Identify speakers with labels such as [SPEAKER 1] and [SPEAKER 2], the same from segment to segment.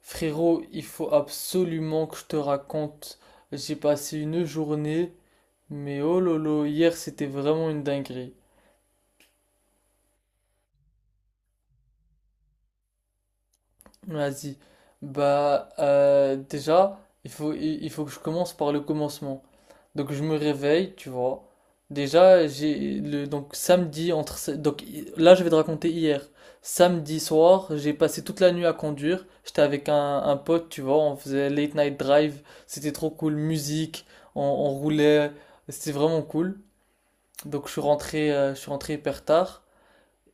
[SPEAKER 1] Frérot, il faut absolument que je te raconte. J'ai passé une journée, mais oh lolo, hier c'était vraiment une dinguerie. Vas-y. Bah, déjà, il faut que je commence par le commencement. Donc je me réveille, tu vois. Déjà, j'ai le donc samedi entre se- donc hi- là je vais te raconter hier. Samedi soir, j'ai passé toute la nuit à conduire. J'étais avec un pote, tu vois, on faisait late night drive, c'était trop cool, musique, on roulait, c'était vraiment cool. Donc je suis rentré hyper tard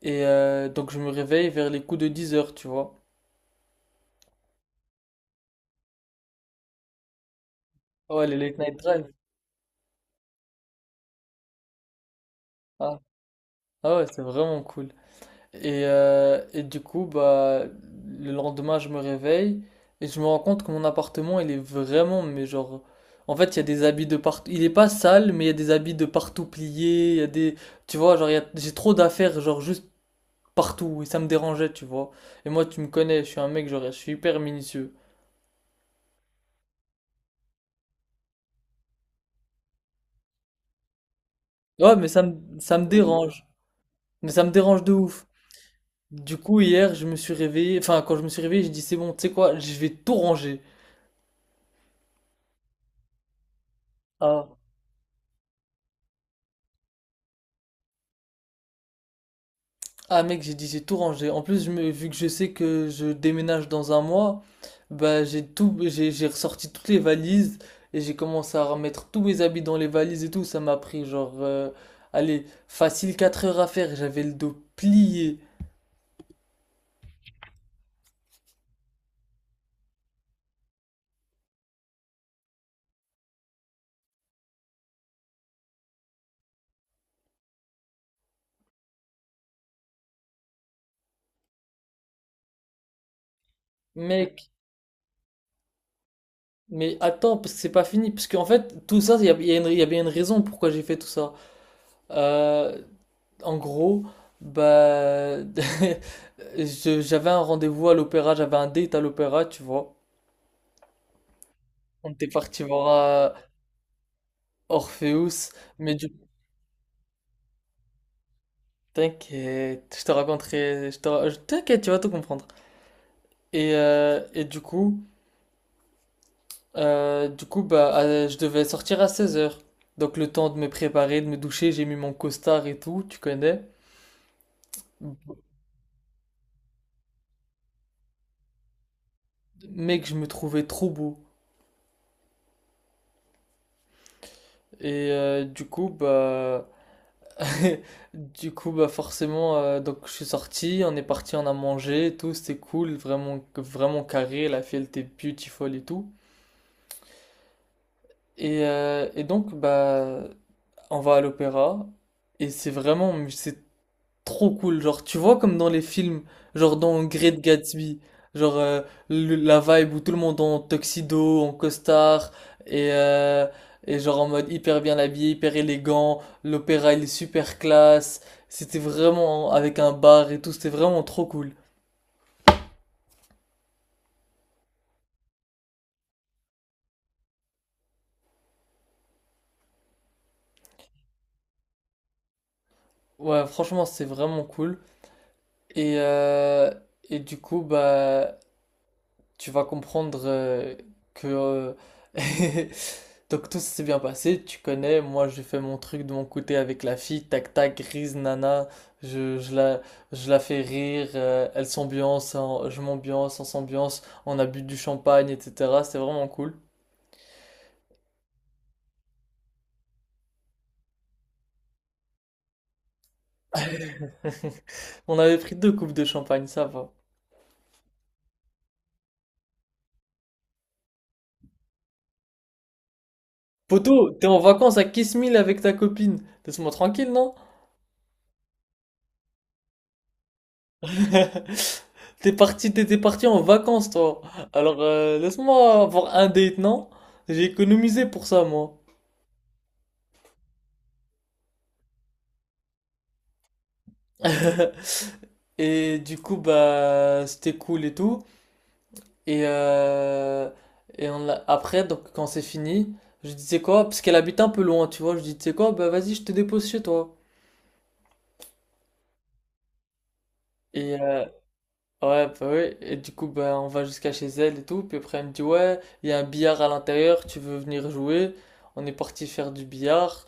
[SPEAKER 1] et donc je me réveille vers les coups de 10 heures, tu vois. Ah, ouais, les late night drive. Ah, ah, ouais, c'est vraiment cool. Et du coup, bah, le lendemain, je me réveille et je me rends compte que mon appartement, il est vraiment, mais genre, en fait, il y a des habits de partout. Il est pas sale, mais il y a des habits de partout pliés. Il y a des, tu vois, genre, j'ai trop d'affaires, genre, juste partout. Et ça me dérangeait, tu vois. Et moi, tu me connais, je suis un mec, genre, je suis hyper minutieux. Ouais, mais ça me dérange. Mais ça me dérange de ouf. Du coup, hier, je me suis réveillé. Enfin, quand je me suis réveillé, j'ai dit, c'est bon, tu sais quoi, je vais tout ranger. ah Ah mec, j'ai dit j'ai tout rangé. En plus, vu que je sais que je déménage dans un mois, bah j'ai ressorti toutes les valises et j'ai commencé à remettre tous mes habits dans les valises et tout. Ça m'a pris genre, allez, facile 4 heures à faire. J'avais le dos plié. Mec, mais attends, parce que c'est pas fini. Parce qu'en fait, tout ça, il y a une- il y a bien une raison pourquoi j'ai fait tout ça. Euh, en gros, bah, j'avais un rendez-vous à l'opéra, j'avais un date à l'opéra, tu vois. On était parti voir euh, Orpheus, mais du coup, t'inquiète, je te raconterai, je te ra- je- t'inquiète, tu vas tout comprendre. Et du coup bah, je devais sortir à 16 heures. Donc le temps de me préparer, de me doucher, j'ai mis mon costard et tout, tu connais. Mec, je me trouvais trop beau. Et du coup, bah, forcément, donc je suis sorti, on est parti, on a mangé et tout, c'était cool, vraiment, vraiment carré, la fille elle était beautiful et tout. Et donc, bah, on va à l'opéra, et mais c'est trop cool. Genre, tu vois, comme dans les films, genre dans Great Gatsby, genre la vibe où tout le monde est en tuxedo, en costard, et, euh, et genre en mode hyper bien habillé, hyper élégant. L'opéra, il est super classe. C'était vraiment avec un bar et tout, c'était vraiment trop cool. Ouais, franchement, c'est vraiment cool. Et, euh, et du coup, bah, tu vas comprendre que donc tout s'est bien passé, tu connais, moi j'ai fait mon truc de mon côté avec la fille, tac tac, grise nana, je, je la, je la fais rire, elle s'ambiance, je m'ambiance, on s'ambiance, on a bu du champagne, etc. C'était vraiment cool. On avait pris deux coupes de champagne, ça va. Poto, t'es en vacances à Kiss Me avec ta copine. Laisse-moi tranquille, non? T'étais parti en vacances, toi. Alors, laisse-moi avoir un date, non? J'ai économisé pour ça, moi. Et du coup, bah, c'était cool et tout. Et, euh, et après, donc, quand c'est fini, je dis, c'est quoi? Parce qu'elle habite un peu loin, tu vois. Je dis, c'est quoi? Bah, vas-y, je te dépose chez toi. Et, euh, Ouais, bah oui. Et du coup, bah, on va jusqu'à chez elle et tout. Puis après, elle me dit, ouais, il y a un billard à l'intérieur, tu veux venir jouer? On est parti faire du billard.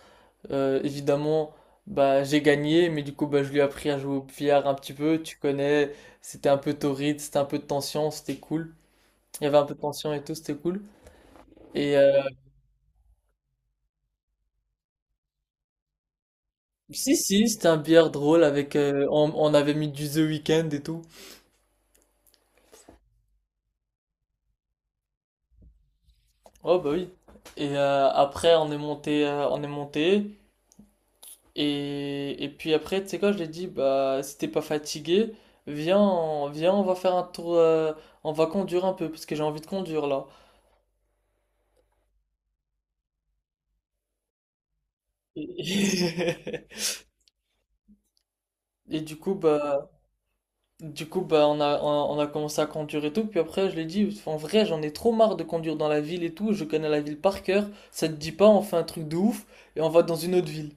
[SPEAKER 1] Évidemment, bah, j'ai gagné, mais du coup, bah, je lui ai appris à jouer au billard un petit peu. Tu connais, c'était un peu torride, c'était un peu de tension, c'était cool. Il y avait un peu de tension et tout, c'était cool. Et si, si, c'était un billard drôle avec. On avait mis du The Weeknd et tout. Oh, bah oui. Et après, on est monté. Et puis après, tu sais quoi, je lui ai dit, bah, si t'es pas fatigué, viens, on va faire un tour, on va conduire un peu, parce que j'ai envie de conduire là. Et, et du coup, bah, on a commencé à conduire et tout. Puis après, je lui ai dit, en vrai, j'en ai trop marre de conduire dans la ville et tout, je connais la ville par cœur, ça te dit pas, on fait un truc de ouf, et on va dans une autre ville.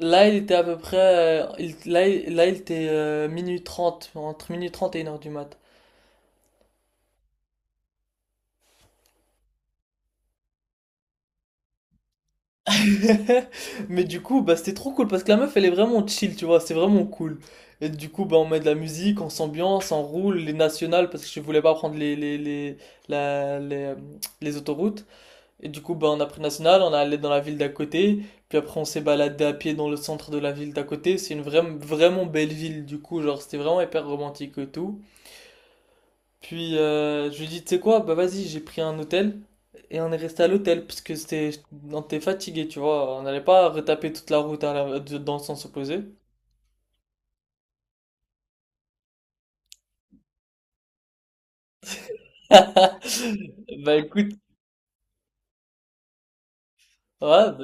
[SPEAKER 1] Là, il était à peu près, il- là, il- là, il était minuit 30, entre minuit 30 et une heure du mat. Mais du coup, bah, c'était trop cool parce que la meuf, elle est vraiment chill, tu vois, c'est vraiment cool. Et du coup, bah, on met de la musique, on s'ambiance, on roule les nationales parce que je voulais pas prendre la- les, euh, les autoroutes. Et du coup, bah, on a pris national, on est allé dans la ville d'à côté. Puis après, on s'est baladé à pied dans le centre de la ville d'à côté. C'est une vraiment belle ville, du coup, genre, c'était vraiment hyper romantique et tout. Puis je lui dis, tu sais quoi, bah vas-y, j'ai pris un hôtel et on est resté à l'hôtel parce que c'était, on était fatigué, tu vois, on n'allait pas retaper toute la route dans le sens opposé. Bah écoute, ouais, bah,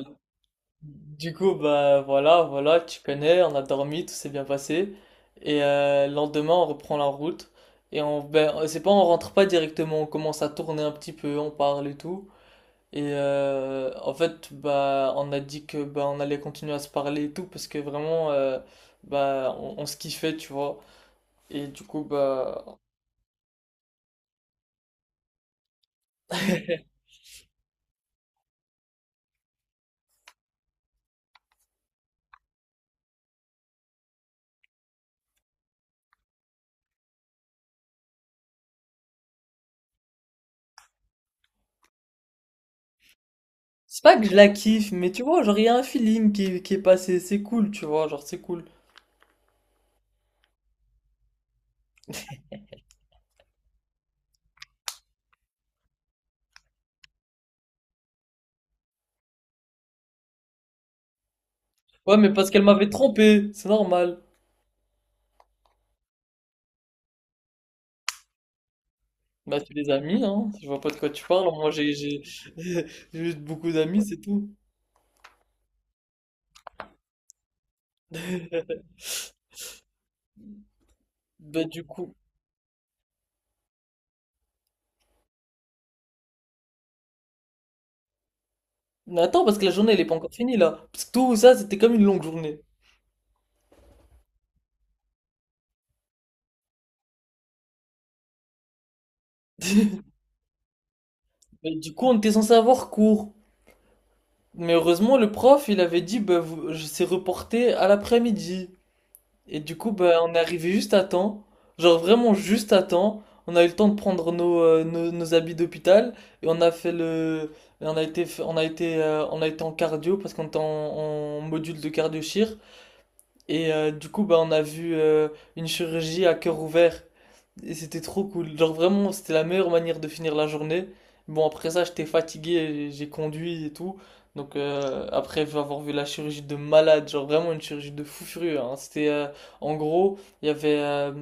[SPEAKER 1] du coup, bah voilà, voilà, tu connais, on a dormi, tout s'est bien passé. Et le lendemain, on reprend la route. Ben, c'est pas, on rentre pas directement, on commence à tourner un petit peu, on parle et tout. Et en fait, bah, on a dit que bah, on allait continuer à se parler et tout parce que vraiment, bah, on se kiffait, tu vois. Et du coup, bah, c'est pas que je la kiffe, mais tu vois, genre, il y a un feeling qui est passé, c'est cool, tu vois, genre, c'est cool. Ouais, mais parce qu'elle m'avait trompé, c'est normal. Bah, c'est des amis, hein, je vois pas de quoi tu parles, moi j'ai j'ai juste beaucoup d'amis, c'est tout. Bah, du coup. Mais attends, parce que la journée, elle est pas encore finie là. Parce que tout ça, c'était comme une longue journée. Mais du coup, on était censé avoir cours. Mais heureusement, le prof, il avait dit, bah, je sais reporté à l'après-midi. Et du coup, bah, on est arrivé juste à temps. Genre vraiment juste à temps. On a eu le temps de prendre nos habits d'hôpital. Et on a fait le... et on a été, f- on a été en cardio parce qu'on était en, en module de cardio-chir. Et du coup, bah, on a vu une chirurgie à cœur ouvert. Et c'était trop cool. Genre vraiment, c'était la meilleure manière de finir la journée. Bon, après ça, j'étais fatigué, j'ai conduit et tout. Donc après avoir vu la chirurgie de malade, genre vraiment une chirurgie de fou furieux, hein. C'était en gros, il y avait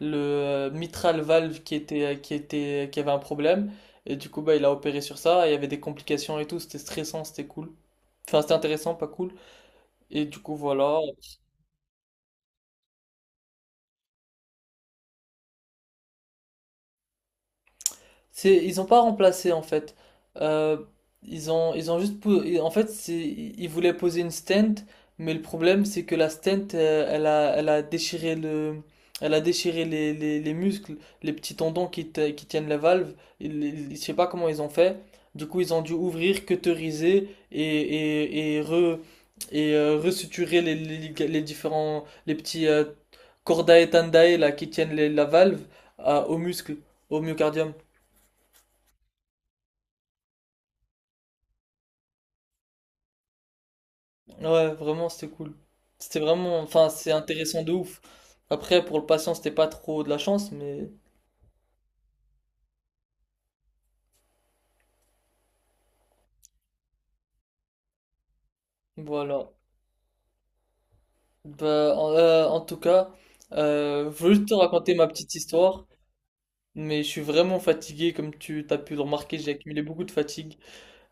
[SPEAKER 1] le mitral valve qui était qui avait un problème et du coup bah il a opéré sur ça. Il y avait des complications et tout. C'était stressant, c'était cool. Enfin c'était intéressant, pas cool. Et du coup voilà. Ils ont pas remplacé en fait. Euh, ils ont juste, en fait, ils voulaient poser une stent, mais le problème c'est que la stent, elle a, elle a déchiré les muscles, les petits tendons qui tiennent la valve. Je sais pas comment ils ont fait. Du coup, ils ont dû ouvrir, cauteriser et resuturer les, liga- les différents, les petits cordae tendae là qui tiennent la valve aux muscles, au myocardium. Ouais, vraiment, c'était cool. Enfin, c'est intéressant de ouf. Après, pour le patient, c'était pas trop de la chance, mais voilà. Bah, en tout cas, je veux juste te raconter ma petite histoire, mais je suis vraiment fatigué, comme tu t'as pu le remarquer, j'ai accumulé beaucoup de fatigue.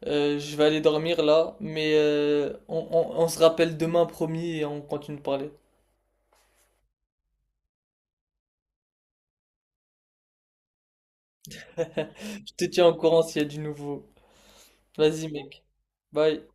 [SPEAKER 1] Je vais aller dormir là, mais on se rappelle demain, promis, et on continue de parler. Je te tiens au courant s'il y a du nouveau. Vas-y, mec. Bye.